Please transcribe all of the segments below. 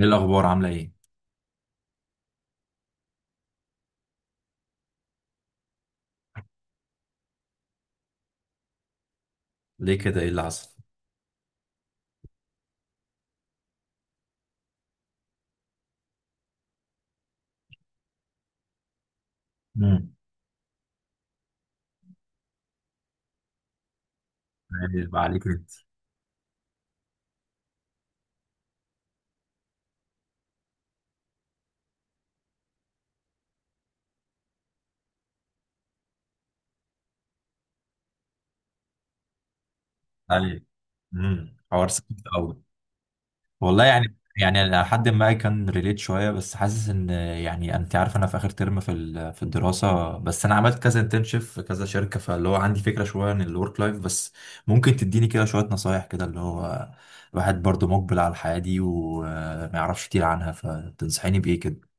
ايه الاخبار؟ عامله ايه؟ ليه كده؟ ايه اللي حصل؟ امم. يبقى عليك انت. عليك. امم. حوار سخيف قوي. والله، يعني أنا لحد ما كان ريليت شويه، بس حاسس ان، يعني، انت عارف، انا في اخر ترم في الدراسه. بس انا عملت كذا انترنشيب في كذا شركه، فاللي هو عندي فكره شويه عن الورك لايف. بس ممكن تديني كده شويه نصايح، كده اللي هو الواحد برضو مقبل على الحياه دي وما يعرفش كتير عنها؟ فتنصحيني بايه كده؟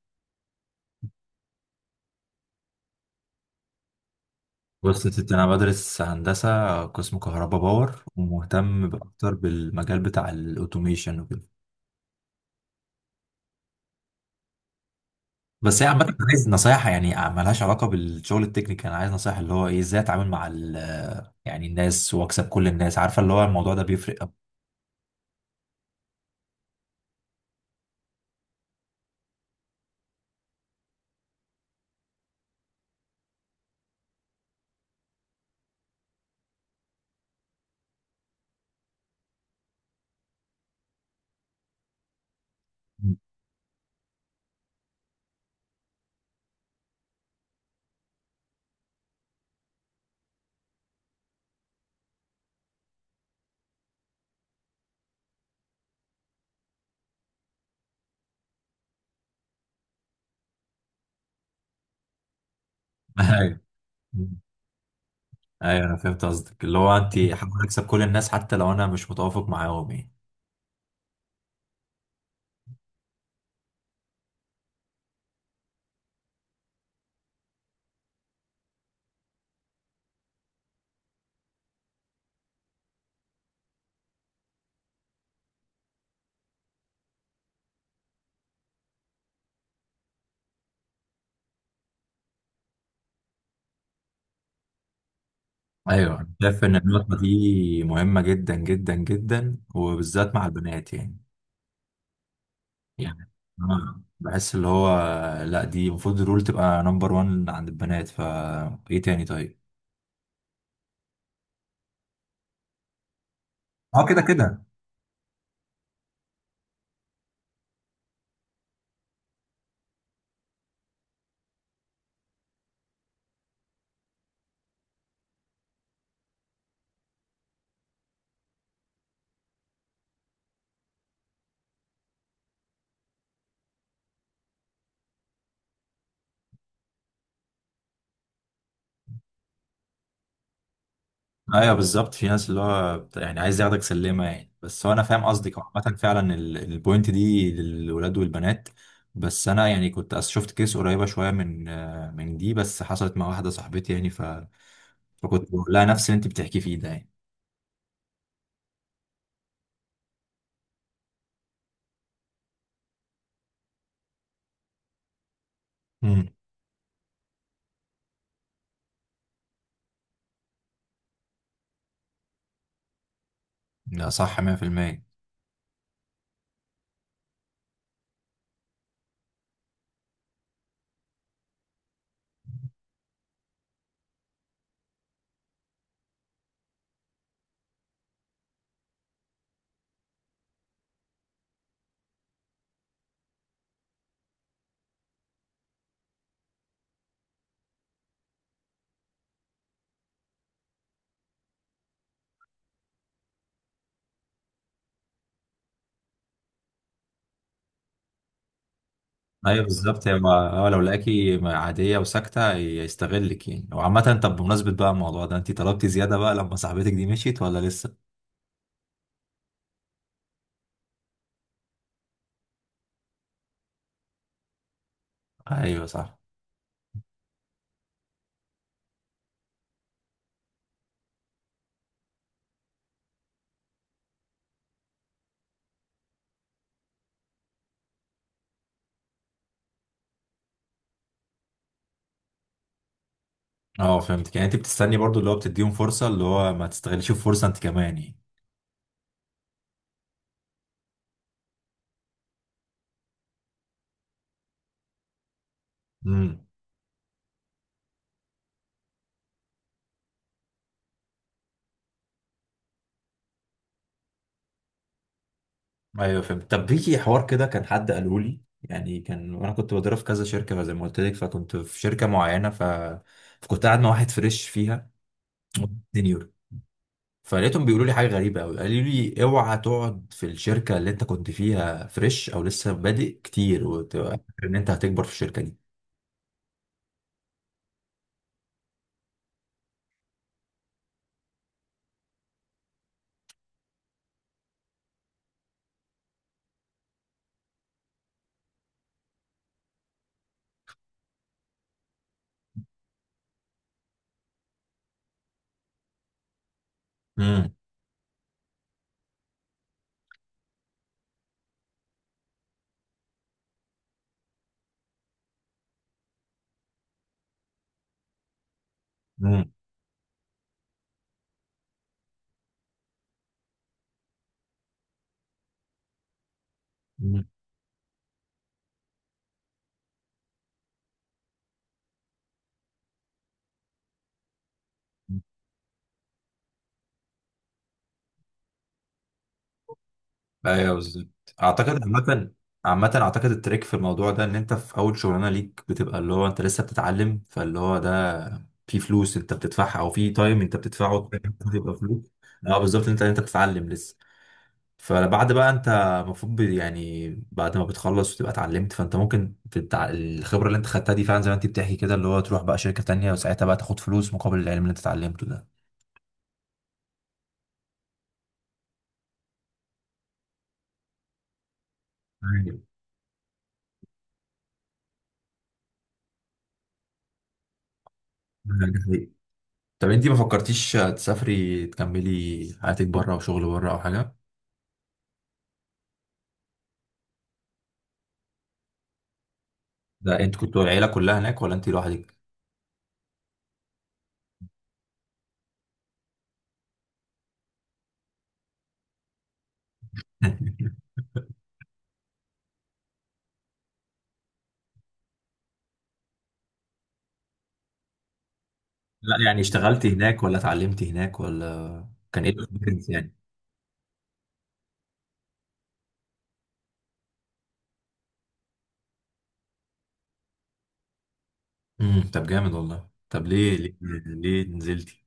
بص يا ستي، أنا بدرس هندسة قسم كهرباء باور، ومهتم أكتر بالمجال بتاع الأوتوميشن وكده. بس هي عامة، عايز نصايح يعني ملهاش علاقة بالشغل التكنيكال. أنا عايز نصايح اللي هو إيه، إزاي أتعامل مع ال آه، يعني الناس وأكسب كل الناس، عارفة، اللي هو الموضوع ده بيفرق أوي. أيوه. أيوه، أنا فهمت قصدك اللي هو أنت حابة أكسب كل الناس حتى لو أنا مش متوافق معاهم يعني. أيوه، أنا شايف إن النقطة دي مهمة جدا جدا جدا، وبالذات مع البنات يعني. يعني أنا بحس اللي هو، لا، دي المفروض الرول تبقى نمبر 1 عند البنات. فا ايه تاني؟ طيب. اه، كده كده. ايوه بالظبط، في ناس اللي هو يعني عايز ياخدك سلمه يعني. بس هو انا فاهم قصدك. عامه فعلا البوينت دي للولاد والبنات. بس انا يعني كنت شفت كيس قريبه شويه من دي، بس حصلت مع واحده صاحبتي يعني فكنت بقول لها نفس اللي انت بتحكي فيه ده يعني. امم. لا، صح 100%. ايوه بالظبط، هي ما- هو لو لقاكي عاديه وساكته يستغلك يعني. وعامه، طب بمناسبه بقى الموضوع ده، انت طلبتي زياده بقى لما صاحبتك دي مشيت ولا لسه؟ ايوه صح. اه، فهمتك، يعني انت بتستني برضو اللي هو بتديهم فرصه، اللي هو ما تستغلش الفرصه انت كمان يعني. امم. ايوه فهمت. طب في حوار كده كان حد قاله لي، يعني كان وانا كنت بدرب في كذا شركه زي ما قلت لك، فكنت في شركه معينه فكنت قاعد مع واحد فريش فيها سينيور. فلقيتهم بيقولوا لي حاجه غريبه قوي. قالوا لي اوعى تقعد في الشركه اللي انت كنت فيها فريش او لسه بادئ كتير وتبقى فاكر ان انت هتكبر في الشركه دي. امم. امم. أمم. ايوه بالظبط. اعتقد عامة عامة اعتقد التريك في الموضوع ده ان انت في اول شغلانة ليك بتبقى اللي هو انت لسه بتتعلم. فاللي هو ده في فلوس انت بتدفعها او في تايم انت بتدفعه تبقى فلوس. اه بالظبط، انت بتتعلم لسه. فبعد بقى، انت المفروض يعني بعد ما بتخلص وتبقى اتعلمت فانت ممكن الخبره اللي انت خدتها دي فعلا، زي ما انت بتحكي كده، اللي هو تروح بقى شركه تانية وساعتها بقى تاخد فلوس مقابل العلم اللي انت اتعلمته ده. ايوه، ده حقيقي. طب انت ما فكرتيش تسافري تكملي حياتك بره، وشغل بره او حاجه؟ ده انت كنت العيله كلها هناك ولا انت لوحدك؟ لا يعني، اشتغلتي هناك ولا اتعلمتي هناك، ولا كان ايه الاكسبيرينس يعني؟ امم. طب جامد والله. طب ليه نزلتي؟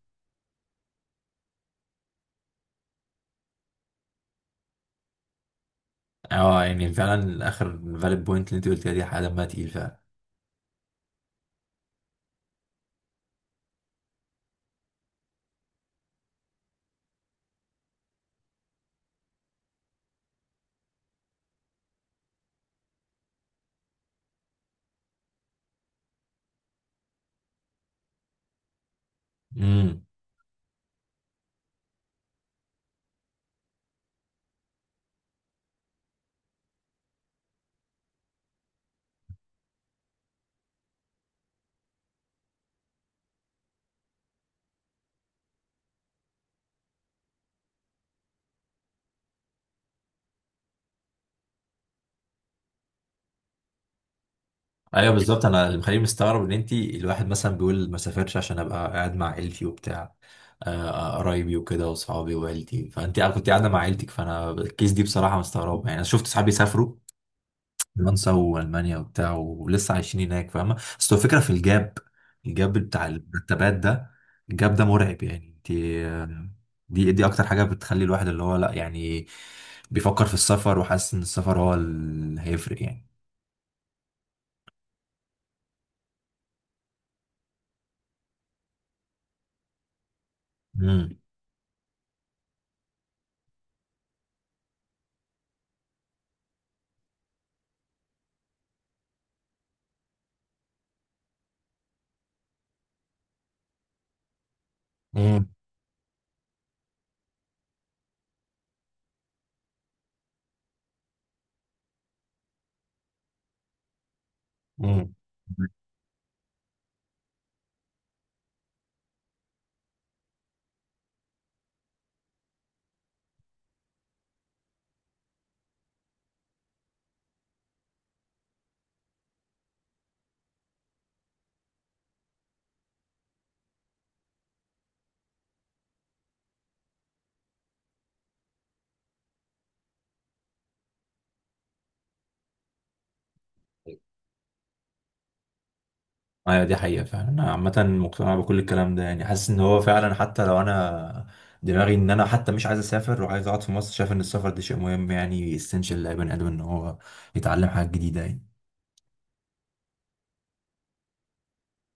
اه، يعني فعلا اخر فاليد بوينت اللي انت قلتيها دي حاجه دمها تقيل فعلا. امم. ايوه بالظبط، انا اللي مخليني مستغرب ان انت، الواحد مثلا بيقول ما سافرش عشان ابقى قاعد مع عيلتي وبتاع، قرايبي وكده واصحابي وعيلتي، فانت كنت قاعده مع عيلتك، فانا الكيس دي بصراحه مستغربه يعني. انا شفت صحابي سافروا فرنسا والمانيا وبتاع ولسه عايشين هناك، فاهمه. بس هو الفكره في الجاب، الجاب بتاع المرتبات ده. الجاب ده مرعب يعني. دي اكتر حاجه بتخلي الواحد اللي هو، لا يعني، بيفكر في السفر وحاسس ان السفر هو اللي هيفرق يعني. امم. امم. امم. ايوه دي حقيقة فعلا. انا عامة مقتنع بكل الكلام ده يعني. حاسس ان هو فعلا، حتى لو انا دماغي ان انا حتى مش عايز اسافر وعايز اقعد في مصر، شايف ان السفر ده شيء مهم يعني، اسينشال لاي بني ادم ان هو يتعلم حاجات جديدة يعني.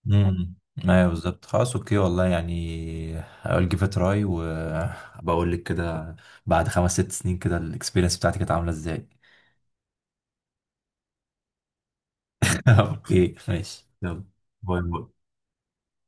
امم. ايوه بالظبط، خلاص، اوكي. والله يعني هقول جيف تراي وبقول لك كده بعد خمس ست سنين كده الاكسبيرينس بتاعتي كانت عاملة ازاي. اوكي ماشي، يلا. باي باي.